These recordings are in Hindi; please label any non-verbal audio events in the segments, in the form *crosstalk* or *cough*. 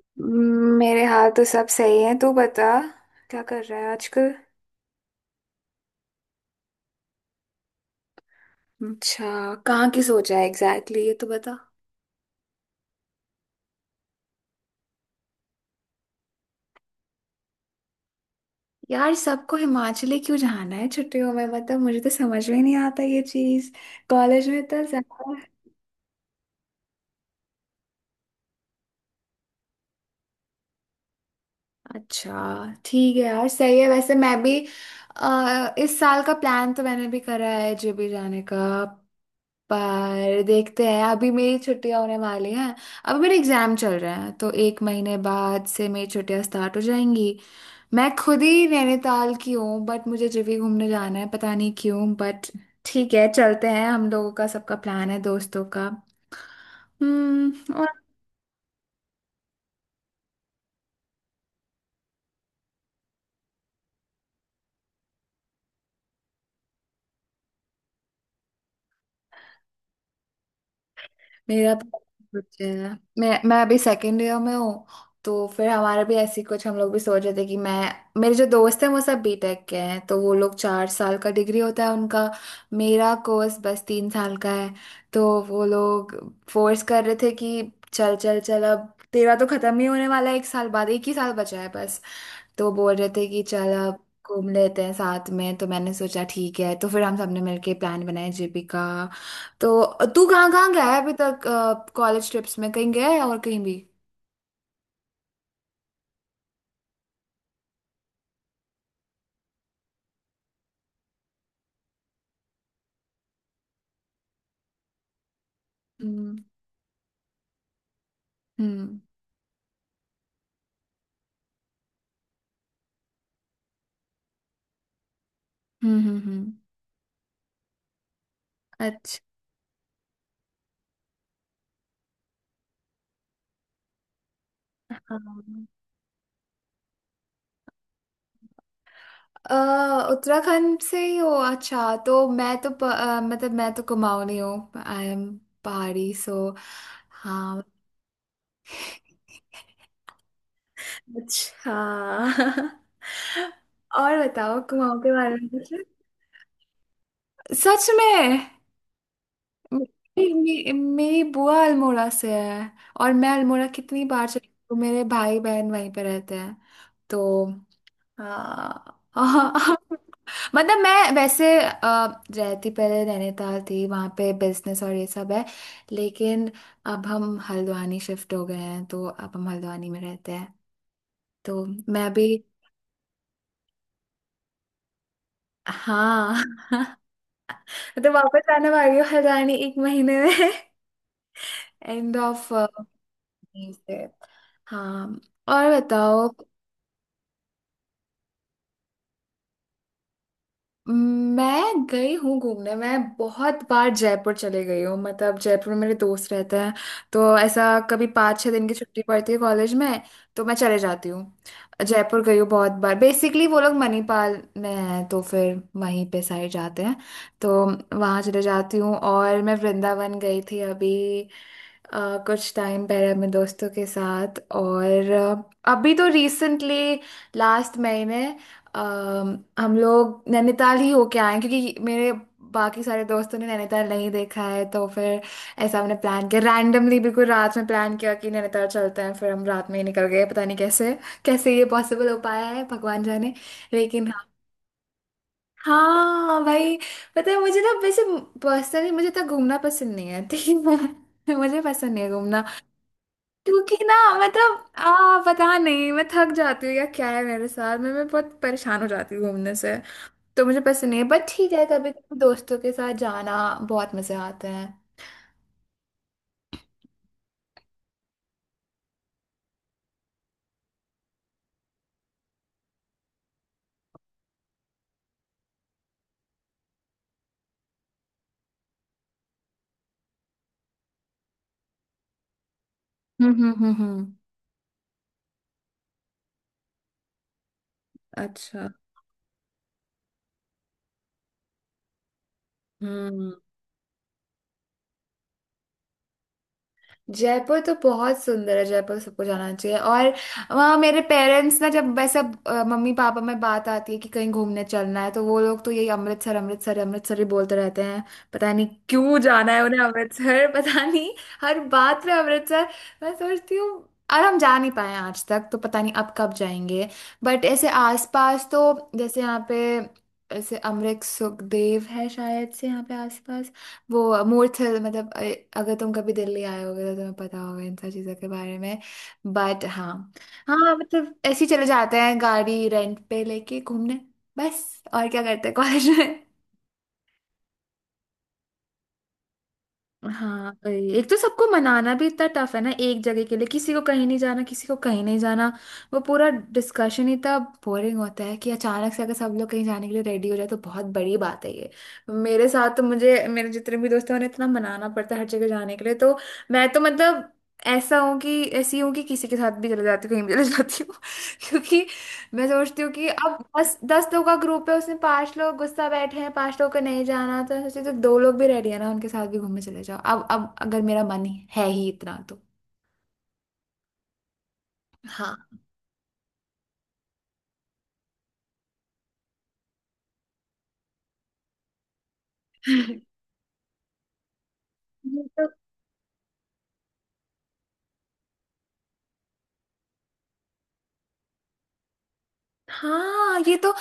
मेरे हाल तो सब सही है। तू बता, क्या कर रहा है आजकल? अच्छा, कहाँ की सोचा है एग्जैक्टली exactly, ये तो बता। यार, सबको हिमाचली क्यों जाना है छुट्टियों में? मतलब मुझे तो समझ में नहीं आता ये चीज, कॉलेज में तो ज्यादा। अच्छा। ठीक है यार, सही है। वैसे मैं भी इस साल का प्लान तो मैंने भी करा है जेबी जाने का। पर देखते हैं, अभी मेरी छुट्टियां होने वाली हैं। अभी मेरे एग्जाम चल रहे हैं तो 1 महीने बाद से मेरी छुट्टियां स्टार्ट हो जाएंगी। मैं खुद ही नैनीताल की हूँ बट मुझे जेबी घूमने जाना है, पता नहीं क्यों। बट ठीक है, चलते हैं। हम लोगों का सबका प्लान है दोस्तों का। हम्म। मेरा तो बच्चे हैं। मैं अभी सेकेंड ईयर में हूँ। तो फिर हमारा भी ऐसी कुछ, हम लोग भी सोच रहे थे कि मैं, मेरे जो दोस्त हैं वो सब बीटेक के हैं तो वो लोग, 4 साल का डिग्री होता है उनका। मेरा कोर्स बस 3 साल का है। तो वो लोग फोर्स कर रहे थे कि चल चल चल, अब तेरा तो खत्म ही होने वाला है, 1 साल बाद एक ही साल बचा है बस। तो बोल रहे थे कि चल अब घूम लेते हैं साथ में, तो मैंने सोचा ठीक है। तो फिर हम सबने मिलके प्लान बनाया जेपी का। तो तू कहाँ कहाँ गया है अभी तक, कॉलेज ट्रिप्स में कहीं गया है और कहीं भी? हम्म हम्म हम्म हम्म हम्म। अच्छा, हाँ। उत्तराखंड से ही हो? अच्छा, तो मैं तो मतलब मैं तो कुमाऊनी हूँ, आई एम पहाड़ी, सो, हाँ। अच्छा। *laughs* और बताओ कुमाऊँ के बारे में कुछ। सच में? मेरी, मेरी बुआ अल्मोड़ा से है। और मैं अल्मोड़ा कितनी बार चली हूँ, मेरे भाई बहन वहीं पे रहते हैं। तो आ, *laughs* मतलब मैं वैसे रहती पहले नैनीताल थी, वहाँ पे बिजनेस और ये सब है। लेकिन अब हम हल्द्वानी शिफ्ट हो गए हैं तो अब हम हल्द्वानी में रहते हैं। तो मैं भी, हाँ, *laughs* तो वापस आने वाली हूँ हल्द्वानी 1 महीने में। *laughs* एंड ऑफ, जी, से हाँ। और बताओ। मैं गई हूँ घूमने। मैं बहुत बार जयपुर चले गई हूँ, मतलब जयपुर में मेरे दोस्त रहते हैं। तो ऐसा कभी 5-6 दिन की छुट्टी पड़ती है कॉलेज में तो मैं चले जाती हूँ। जयपुर गई हूँ बहुत बार, बेसिकली वो लोग मणिपाल में हैं तो फिर वहीं पे साइड जाते हैं, तो वहाँ चले जाती हूँ। और मैं वृंदावन गई थी अभी, कुछ टाइम पहले अपने दोस्तों के साथ। और अभी तो रिसेंटली लास्ट महीने, अम, हम लोग नैनीताल ही होके आए हैं, क्योंकि मेरे बाकी सारे दोस्तों ने नैनीताल नहीं देखा है, तो फिर ऐसा हमने प्लान किया रैंडमली, बिल्कुल रात में प्लान किया कि नैनीताल चलते हैं, फिर हम रात में ही निकल गए, पता नहीं कैसे कैसे ये पॉसिबल हो पाया है, भगवान जाने। लेकिन हाँ, हाँ भाई। पता है मुझे ना वैसे, पर्सनली मुझे तो घूमना पसंद नहीं है, ठीक है। *laughs* मुझे पसंद नहीं है घूमना, क्योंकि ना, मतलब आ पता नहीं, मैं थक जाती हूँ या क्या है मेरे साथ, मैं बहुत परेशान हो जाती हूँ घूमने से। तो मुझे पसंद नहीं है, बट ठीक है कभी कभी दोस्तों के साथ जाना बहुत मजे आते हैं। हम्म हम्म हम्म हम्म। अच्छा। हम्म। जयपुर तो बहुत सुंदर है, जयपुर सबको जाना चाहिए। और वहाँ मेरे पेरेंट्स ना, जब वैसे अब, मम्मी पापा में बात आती है कि कहीं घूमने चलना है, तो वो लोग तो यही अमृतसर अमृतसर अमृतसर ही बोलते रहते हैं, पता नहीं क्यों जाना है उन्हें अमृतसर। *laughs* पता नहीं, हर बात में अमृतसर, मैं सोचती हूँ। और हम जा नहीं पाए हैं आज तक, तो पता नहीं अब कब जाएंगे। बट ऐसे आसपास तो, जैसे यहाँ पे, ऐसे अमरीक सुखदेव है शायद से यहाँ पे आसपास, वो मूर्थल, मतलब अगर तुम कभी दिल्ली आए होगे तो तुम्हें पता होगा इन सब चीज़ों के बारे में, बट हाँ। हाँ, मतलब ऐसे ही चले जाते हैं गाड़ी रेंट पे लेके घूमने, बस। और क्या करते हैं *laughs* कॉलेज में? हाँ वही। एक तो सबको मनाना भी इतना टफ है ना एक जगह के लिए, किसी को कहीं नहीं जाना, किसी को कहीं नहीं जाना, वो पूरा डिस्कशन ही इतना बोरिंग होता है कि अचानक से अगर सब लोग कहीं जाने के लिए रेडी हो जाए तो बहुत बड़ी बात है ये। मेरे साथ तो, मुझे, मेरे जितने भी दोस्त हैं उन्हें इतना मनाना पड़ता है हर जगह जाने के लिए। तो मैं तो मतलब ऐसा हूँ कि ऐसी हूँ कि किसी के साथ भी चले जाती हूँ, कहीं भी चले जाती हूँ। *laughs* क्योंकि मैं सोचती हूँ कि अब दस दस लोग का ग्रुप है, उसमें पांच लोग गुस्सा बैठे हैं, पांच लोग को नहीं जाना, तो सोचती हूँ दो लोग भी रेडी है ना, उनके साथ भी घूमने चले जाओ। अब अगर मेरा मन है ही इतना तो, हाँ। *laughs* तो हाँ, ये तो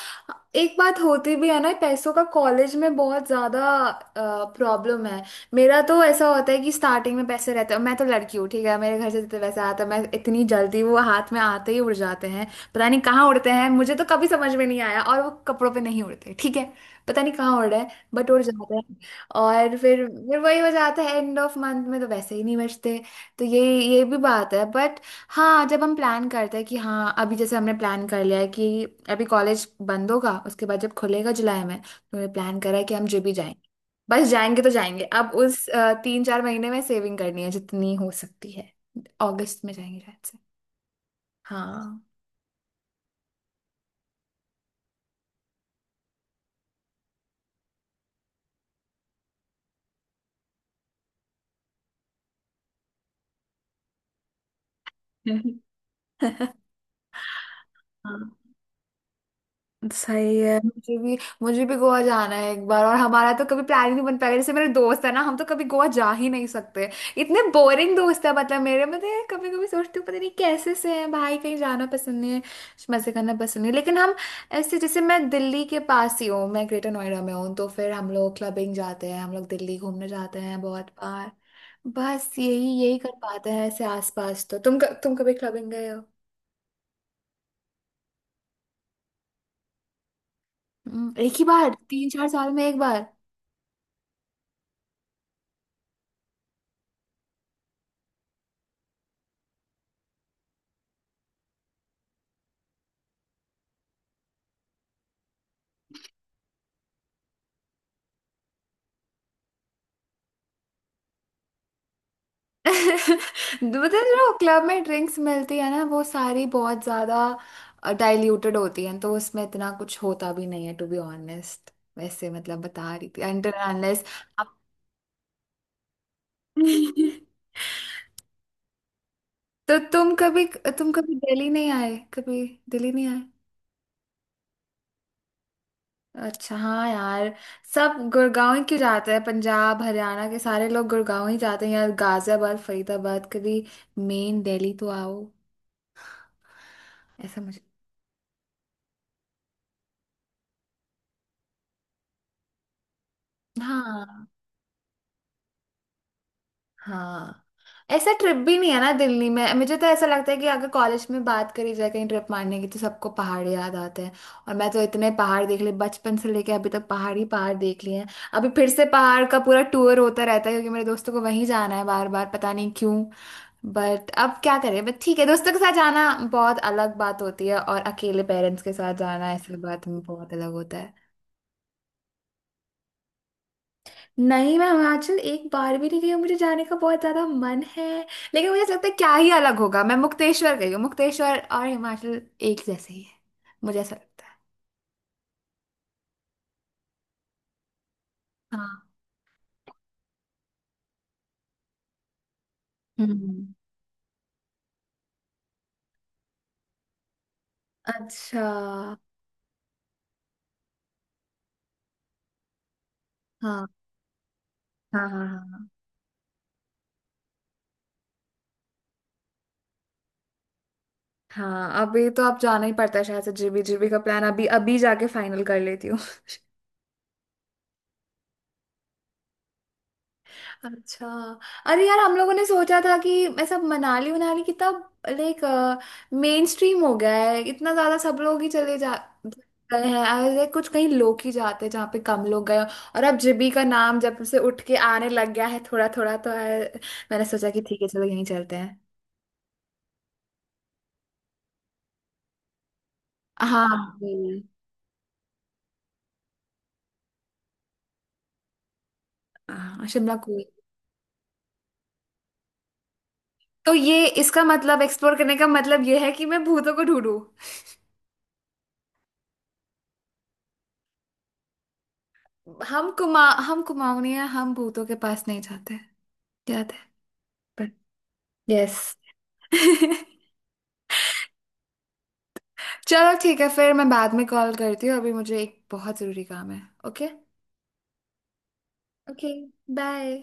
एक बात होती भी है ना, पैसों का कॉलेज में बहुत ज्यादा प्रॉब्लम है। मेरा तो ऐसा होता है कि स्टार्टिंग में पैसे रहते हैं, मैं तो लड़की हूँ ठीक है, मेरे घर से जितने पैसे आते हैं मैं इतनी जल्दी वो हाथ में आते ही उड़ जाते हैं, पता नहीं कहाँ उड़ते हैं, मुझे तो कभी समझ में नहीं आया। और वो कपड़ों पे नहीं उड़ते ठीक है, पता नहीं कहाँ उड़ रहे हैं बट उड़ जाते हैं। और फिर वही हो जाता है, एंड ऑफ मंथ में तो वैसे ही नहीं बचते। तो ये भी बात है। हाँ जब हम प्लान करते हैं कि, हाँ अभी जैसे हमने प्लान कर लिया है कि अभी कॉलेज बंद होगा, उसके बाद जब खुलेगा जुलाई में, तो हमने प्लान करा है कि हम जो भी जाएंगे बस जाएंगे, तो जाएंगे। अब उस 3-4 महीने में सेविंग करनी है जितनी हो सकती है, अगस्त में जाएंगे शायद से, हाँ। *laughs* हाँ सही है, मुझे भी, मुझे भी गोवा जाना है एक बार। और हमारा तो कभी प्लान ही नहीं बन पाएगा, जैसे मेरे दोस्त है ना, हम तो कभी गोवा जा ही नहीं सकते, इतने बोरिंग दोस्त है मतलब मेरे, मतलब कभी कभी सोचती हूँ पता नहीं कैसे से हैं भाई, कहीं जाना पसंद नहीं है, मजे करना पसंद नहीं है। लेकिन हम ऐसे, जैसे मैं दिल्ली के पास ही हूँ, मैं ग्रेटर नोएडा में हूँ, तो फिर हम लोग क्लबिंग जाते हैं, हम लोग दिल्ली घूमने जाते हैं बहुत बार, बस यही यही कर पाते हैं ऐसे आसपास। तो तुम कभी क्लबिंग गए हो? एक ही बार, 3-4 साल में एक बार। *laughs* मतलब जो क्लब में ड्रिंक्स मिलती है ना वो सारी बहुत ज्यादा डाइल्यूटेड होती हैं, तो उसमें इतना कुछ होता भी नहीं है, टू बी ऑनेस्ट। वैसे मतलब बता रही थी, अंटर अनलेस आप। *laughs* तो तुम कभी दिल्ली नहीं आए? कभी दिल्ली नहीं आए? अच्छा, हाँ यार, सब गुड़गांव ही क्यों जाते हैं, पंजाब हरियाणा के सारे लोग गुड़गांव ही जाते हैं यार, गाजियाबाद, फरीदाबाद कभी, मेन दिल्ली तो आओ। ऐसा मुझे, हाँ हाँ, ऐसा ट्रिप भी नहीं है ना दिल्ली में। मुझे तो ऐसा लगता है कि अगर कॉलेज में बात करी जाए कहीं ट्रिप मारने की तो सबको पहाड़ याद आते हैं। और मैं तो इतने पहाड़ देख लिए बचपन से लेके अभी तक, पहाड़ ही पहाड़ देख लिए हैं। अभी फिर से पहाड़ का पूरा टूर होता रहता है क्योंकि मेरे दोस्तों को वहीं जाना है बार बार, पता नहीं क्यों। बट अब क्या करें, बट ठीक है दोस्तों के साथ जाना बहुत अलग बात होती है, और अकेले पेरेंट्स के साथ जाना ऐसी बात में बहुत अलग होता है। नहीं, मैं हिमाचल एक बार भी नहीं गई हूँ, मुझे जाने का बहुत ज्यादा मन है। लेकिन मुझे ऐसा लगता है क्या ही अलग होगा, मैं मुक्तेश्वर गई हूँ, मुक्तेश्वर और हिमाचल एक जैसे ही है, मुझे ऐसा लगता है। हाँ। हम्म। अच्छा। हाँ हाँ हाँ हाँ हाँ, अभी तो अब जाना ही पड़ता है शायद से, जीबी, जीबी का प्लान अभी अभी जाके फाइनल कर लेती हूँ। अच्छा, अरे यार हम लोगों ने सोचा था कि मैं, सब मनाली मनाली कितना, लाइक, मेन स्ट्रीम हो गया है इतना ज्यादा, सब लोग ही चले जा गए हैं, और like, कुछ कहीं लोग ही जाते हैं जहाँ पे कम लोग गए हों। और अब जिबी का नाम जब से उठ के आने लग गया है थोड़ा थोड़ा, तो है, मैंने सोचा कि ठीक है चलो यहीं चलते हैं। हाँ। हम्म, हाँ शिमला कूल। तो ये इसका मतलब एक्सप्लोर करने का मतलब ये है कि मैं भूतों को ढूंढूं? हम कुमाऊनी हैं, हम भूतों के पास नहीं जाते। याद है, यस। *laughs* चलो ठीक है, फिर मैं बाद में कॉल करती हूँ, अभी मुझे एक बहुत ज़रूरी काम है। Okay, okay bye.